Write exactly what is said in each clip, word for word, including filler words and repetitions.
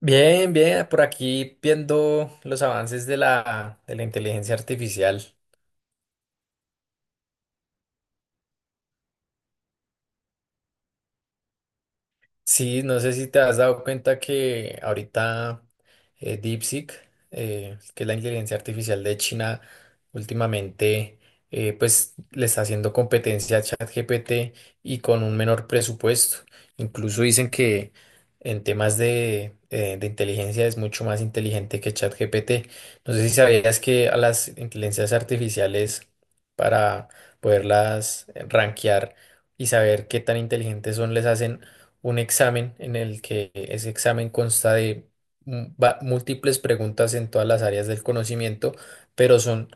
Bien, bien, por aquí viendo los avances de la, de la inteligencia artificial. Sí, no sé si te has dado cuenta que ahorita eh, DeepSeek, eh, que es la inteligencia artificial de China, últimamente eh, pues le está haciendo competencia a ChatGPT y con un menor presupuesto. Incluso dicen que en temas de, eh, de inteligencia es mucho más inteligente que ChatGPT. No sé si sabías que a las inteligencias artificiales para poderlas eh, rankear y saber qué tan inteligentes son, les hacen un examen en el que ese examen consta de mu- va- múltiples preguntas en todas las áreas del conocimiento, pero son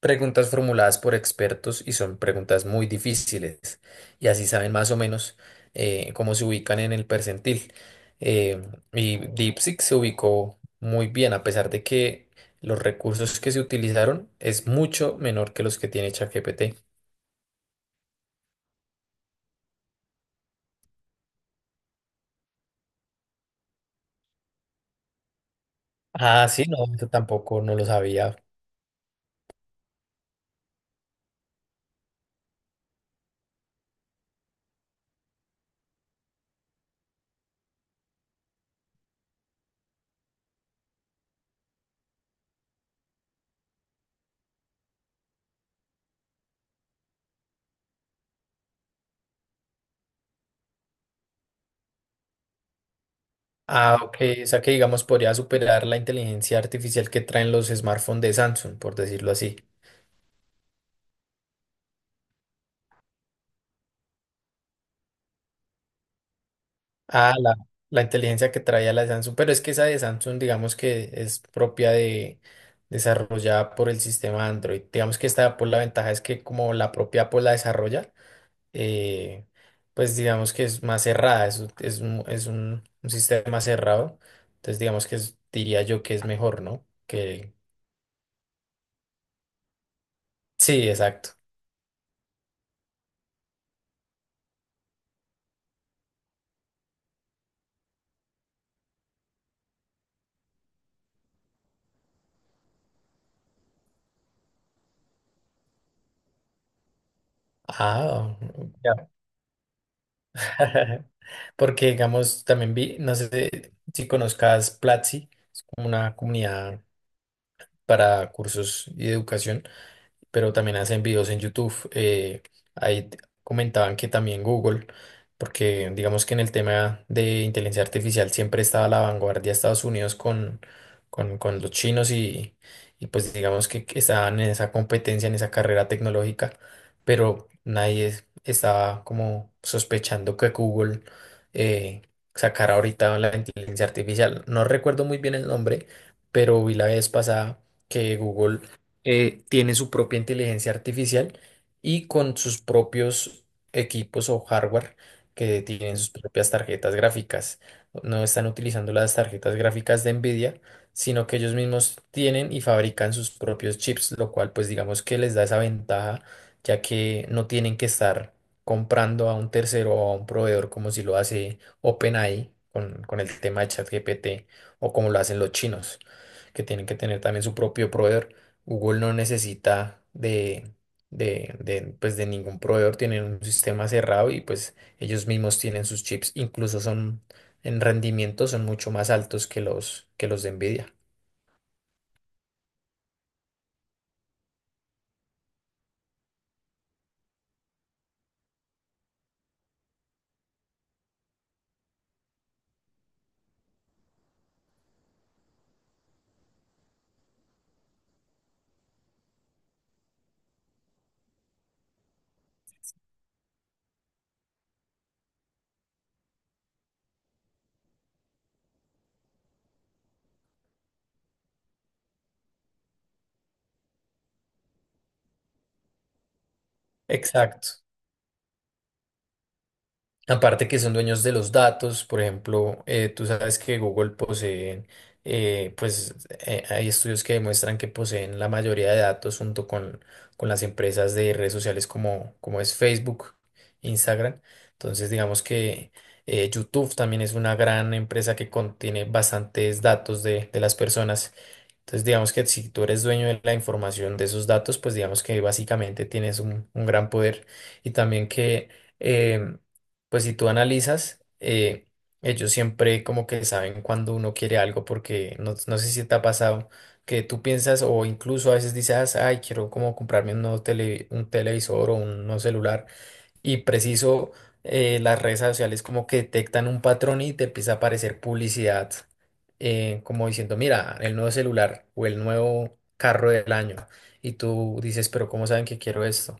preguntas formuladas por expertos y son preguntas muy difíciles. Y así saben más o menos eh, cómo se ubican en el percentil. Eh, y DeepSeek se ubicó muy bien, a pesar de que los recursos que se utilizaron es mucho menor que los que tiene ChatGPT. Ah, sí, no, eso tampoco no lo sabía. Ah, ok. O sea que, digamos, podría superar la inteligencia artificial que traen los smartphones de Samsung, por decirlo así. Ah, la, la inteligencia que traía la de Samsung, pero es que esa de Samsung, digamos que es propia de, desarrollada por el sistema Android. Digamos que esta de Apple, la ventaja es que como la propia Apple la desarrolla, eh, pues digamos que es más cerrada, es, es un, es un- un sistema cerrado. Entonces, digamos que es- diría yo que es mejor, ¿no? Que, sí, exacto. Ah, Porque, digamos, también vi, no sé si conozcas Platzi, es como una comunidad para cursos y educación pero también hacen videos en YouTube. eh, ahí t- comentaban que también Google, porque digamos que en el tema de inteligencia artificial siempre estaba a la vanguardia de Estados Unidos con, con, con, los chinos y, y pues digamos que que estaban en esa competencia, en esa carrera tecnológica, pero nadie es- estaba como sospechando que Google eh, sacara ahorita la inteligencia artificial. No recuerdo muy bien el nombre, pero vi la vez pasada que Google eh, tiene su propia inteligencia artificial y con sus propios equipos o hardware que tienen sus propias tarjetas gráficas. No están utilizando las tarjetas gráficas de Nvidia, sino que ellos mismos tienen y fabrican sus propios chips, lo cual pues digamos que les da esa ventaja, ya que no tienen que estar comprando a un tercero o a un proveedor como si lo hace OpenAI con, con el tema de ChatGPT o como lo hacen los chinos, que tienen que tener también su propio proveedor. Google no necesita de, de, de, pues de ningún proveedor, tienen un sistema cerrado y pues ellos mismos tienen sus chips, incluso son en rendimiento son mucho más altos que los que los de Nvidia. Exacto. Aparte que son dueños de los datos, por ejemplo, eh, tú sabes que Google posee, eh, pues eh, hay estudios que demuestran que poseen la mayoría de datos junto con, con las empresas de redes sociales como, como es Facebook, Instagram. Entonces, digamos que eh, YouTube también es una gran empresa que contiene bastantes datos de, de las personas. Entonces, digamos que si tú eres dueño de la información de esos datos, pues digamos que básicamente tienes un, un gran poder. Y también que, em, pues si tú analizas, eh, ellos siempre como que saben cuando uno quiere algo, porque no, no sé si te ha pasado que tú piensas o incluso a veces dices, ay, quiero como comprarme un nuevo tele, un televisor o un nuevo celular y preciso eh, las redes sociales como que detectan un patrón y te empieza a aparecer publicidad eh, como diciendo, mira, el nuevo celular o el nuevo carro del año. Y tú dices, pero ¿cómo saben que quiero esto?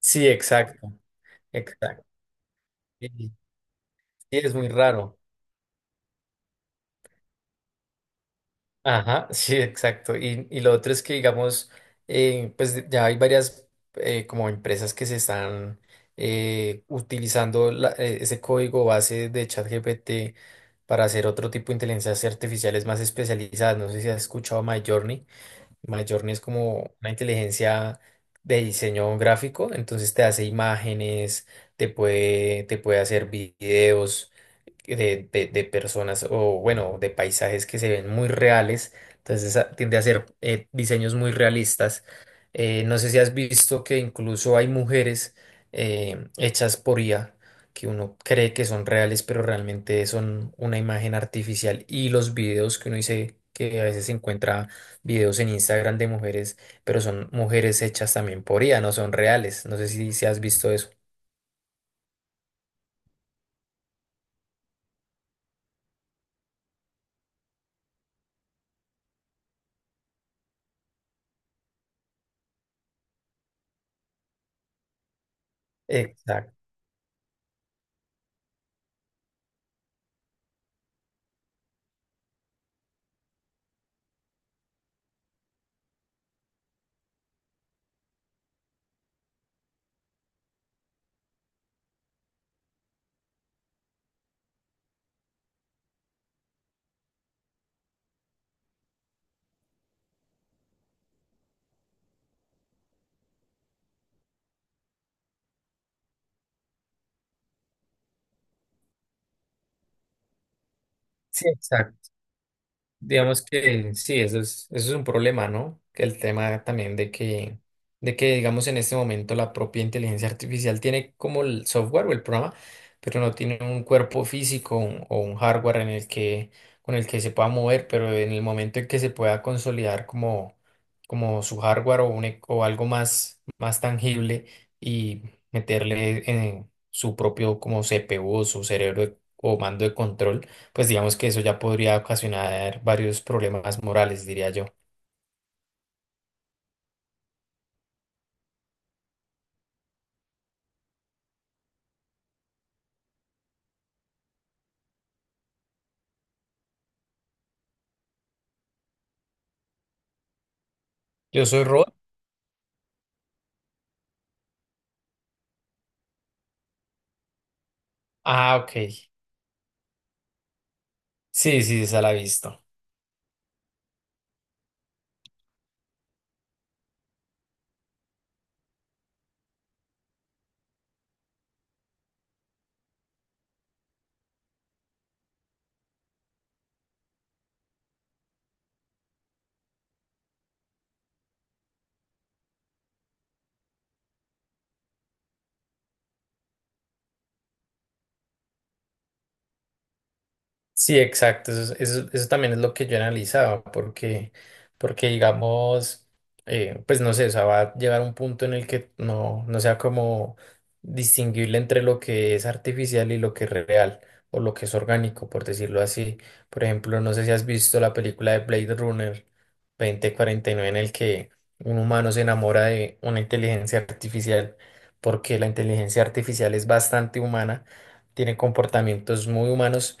Sí, exacto, exacto. Y- Sí, es muy raro. Ajá, sí, exacto. Y, y lo otro es que, digamos, eh, pues de- ya hay varias eh, como empresas que se están eh, utilizando la- eh, ese código base de ChatGPT para hacer otro tipo de inteligencias artificiales más especializadas. No sé si has escuchado Midjourney. Midjourney es como una inteligencia de diseño gráfico, entonces te hace imágenes, te puede, te puede hacer videos de, de- de personas o bueno, de paisajes que se ven muy reales, entonces a- tiende a ser eh, diseños muy realistas. Eh, no sé si has visto que incluso hay mujeres eh, hechas por I A que uno cree que son reales, pero realmente son una imagen artificial y los videos que uno dice que a veces se encuentra videos en Instagram de mujeres, pero son mujeres hechas también por I A, no son reales. No sé si, si has visto eso. Exacto, sí, exacto. Digamos que sí, eso es, eso es un problema, ¿no? Que el tema también de que, de que, digamos, en este momento la propia inteligencia artificial tiene como el software o el programa, pero no tiene un cuerpo físico un- o un hardware en el que, con el que se pueda mover, pero en el momento en que se pueda consolidar como, como su hardware o, un, e- o algo más, más tangible y meterle en su propio como C P U, su cerebro o mando de control pues digamos que eso ya podría ocasionar varios problemas morales, diría yo. Yo soy Rod. Ah, ok. Sí, sí, esa la he visto. Sí, exacto. Eso, es- eso, eso también es lo que yo analizaba, porque, porque digamos, eh, pues no sé, o sea, va a llegar un punto en el que no, no sea como distinguible entre lo que es artificial y lo que es real, o lo que es orgánico, por decirlo así. Por ejemplo, no sé si has visto la película de Blade Runner dos mil cuarenta y nueve en el que un humano se enamora de una inteligencia artificial, porque la inteligencia artificial es bastante humana, tiene comportamientos muy humanos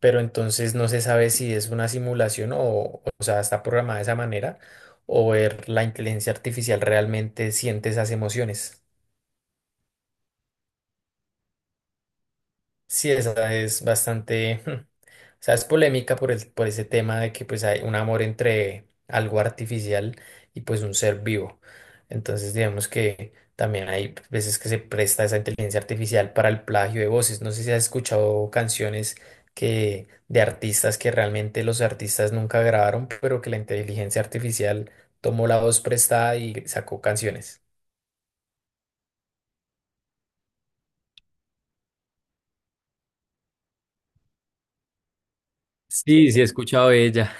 pero entonces no se sabe si es una simulación o, o sea, está programada de esa manera o ver la inteligencia artificial realmente siente esas emociones. Sí, esa es bastante, o sea, es polémica por el, por ese tema de que pues hay un amor entre algo artificial y pues un ser vivo. Entonces, digamos que también hay veces que se presta esa inteligencia artificial para el plagio de voces. No sé si has escuchado canciones que de artistas que realmente los artistas nunca grabaron, pero que la inteligencia artificial tomó la voz prestada y sacó canciones. Sí, sí, he escuchado de ella.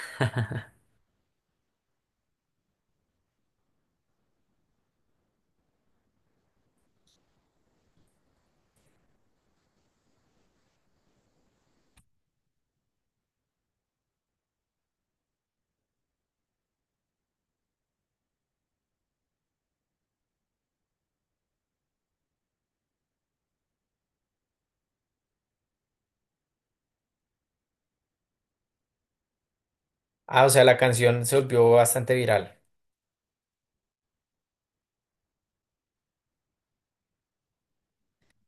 Ah, o sea, la canción se volvió bastante viral.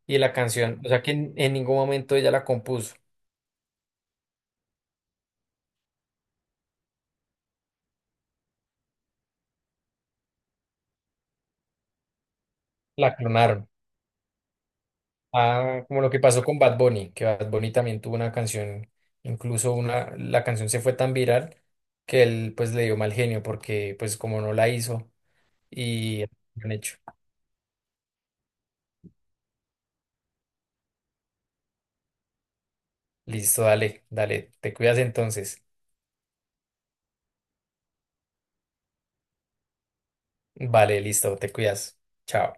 Y la canción, o sea que en, en ningún momento ella la compuso, la clonaron. Ah, como lo que pasó con Bad Bunny, que Bad Bunny también tuvo una canción, incluso una, la canción se fue tan viral que él pues le dio mal genio porque pues como no la hizo y han hecho. Listo, dale, dale, te cuidas entonces. Vale, listo, te cuidas. Chao.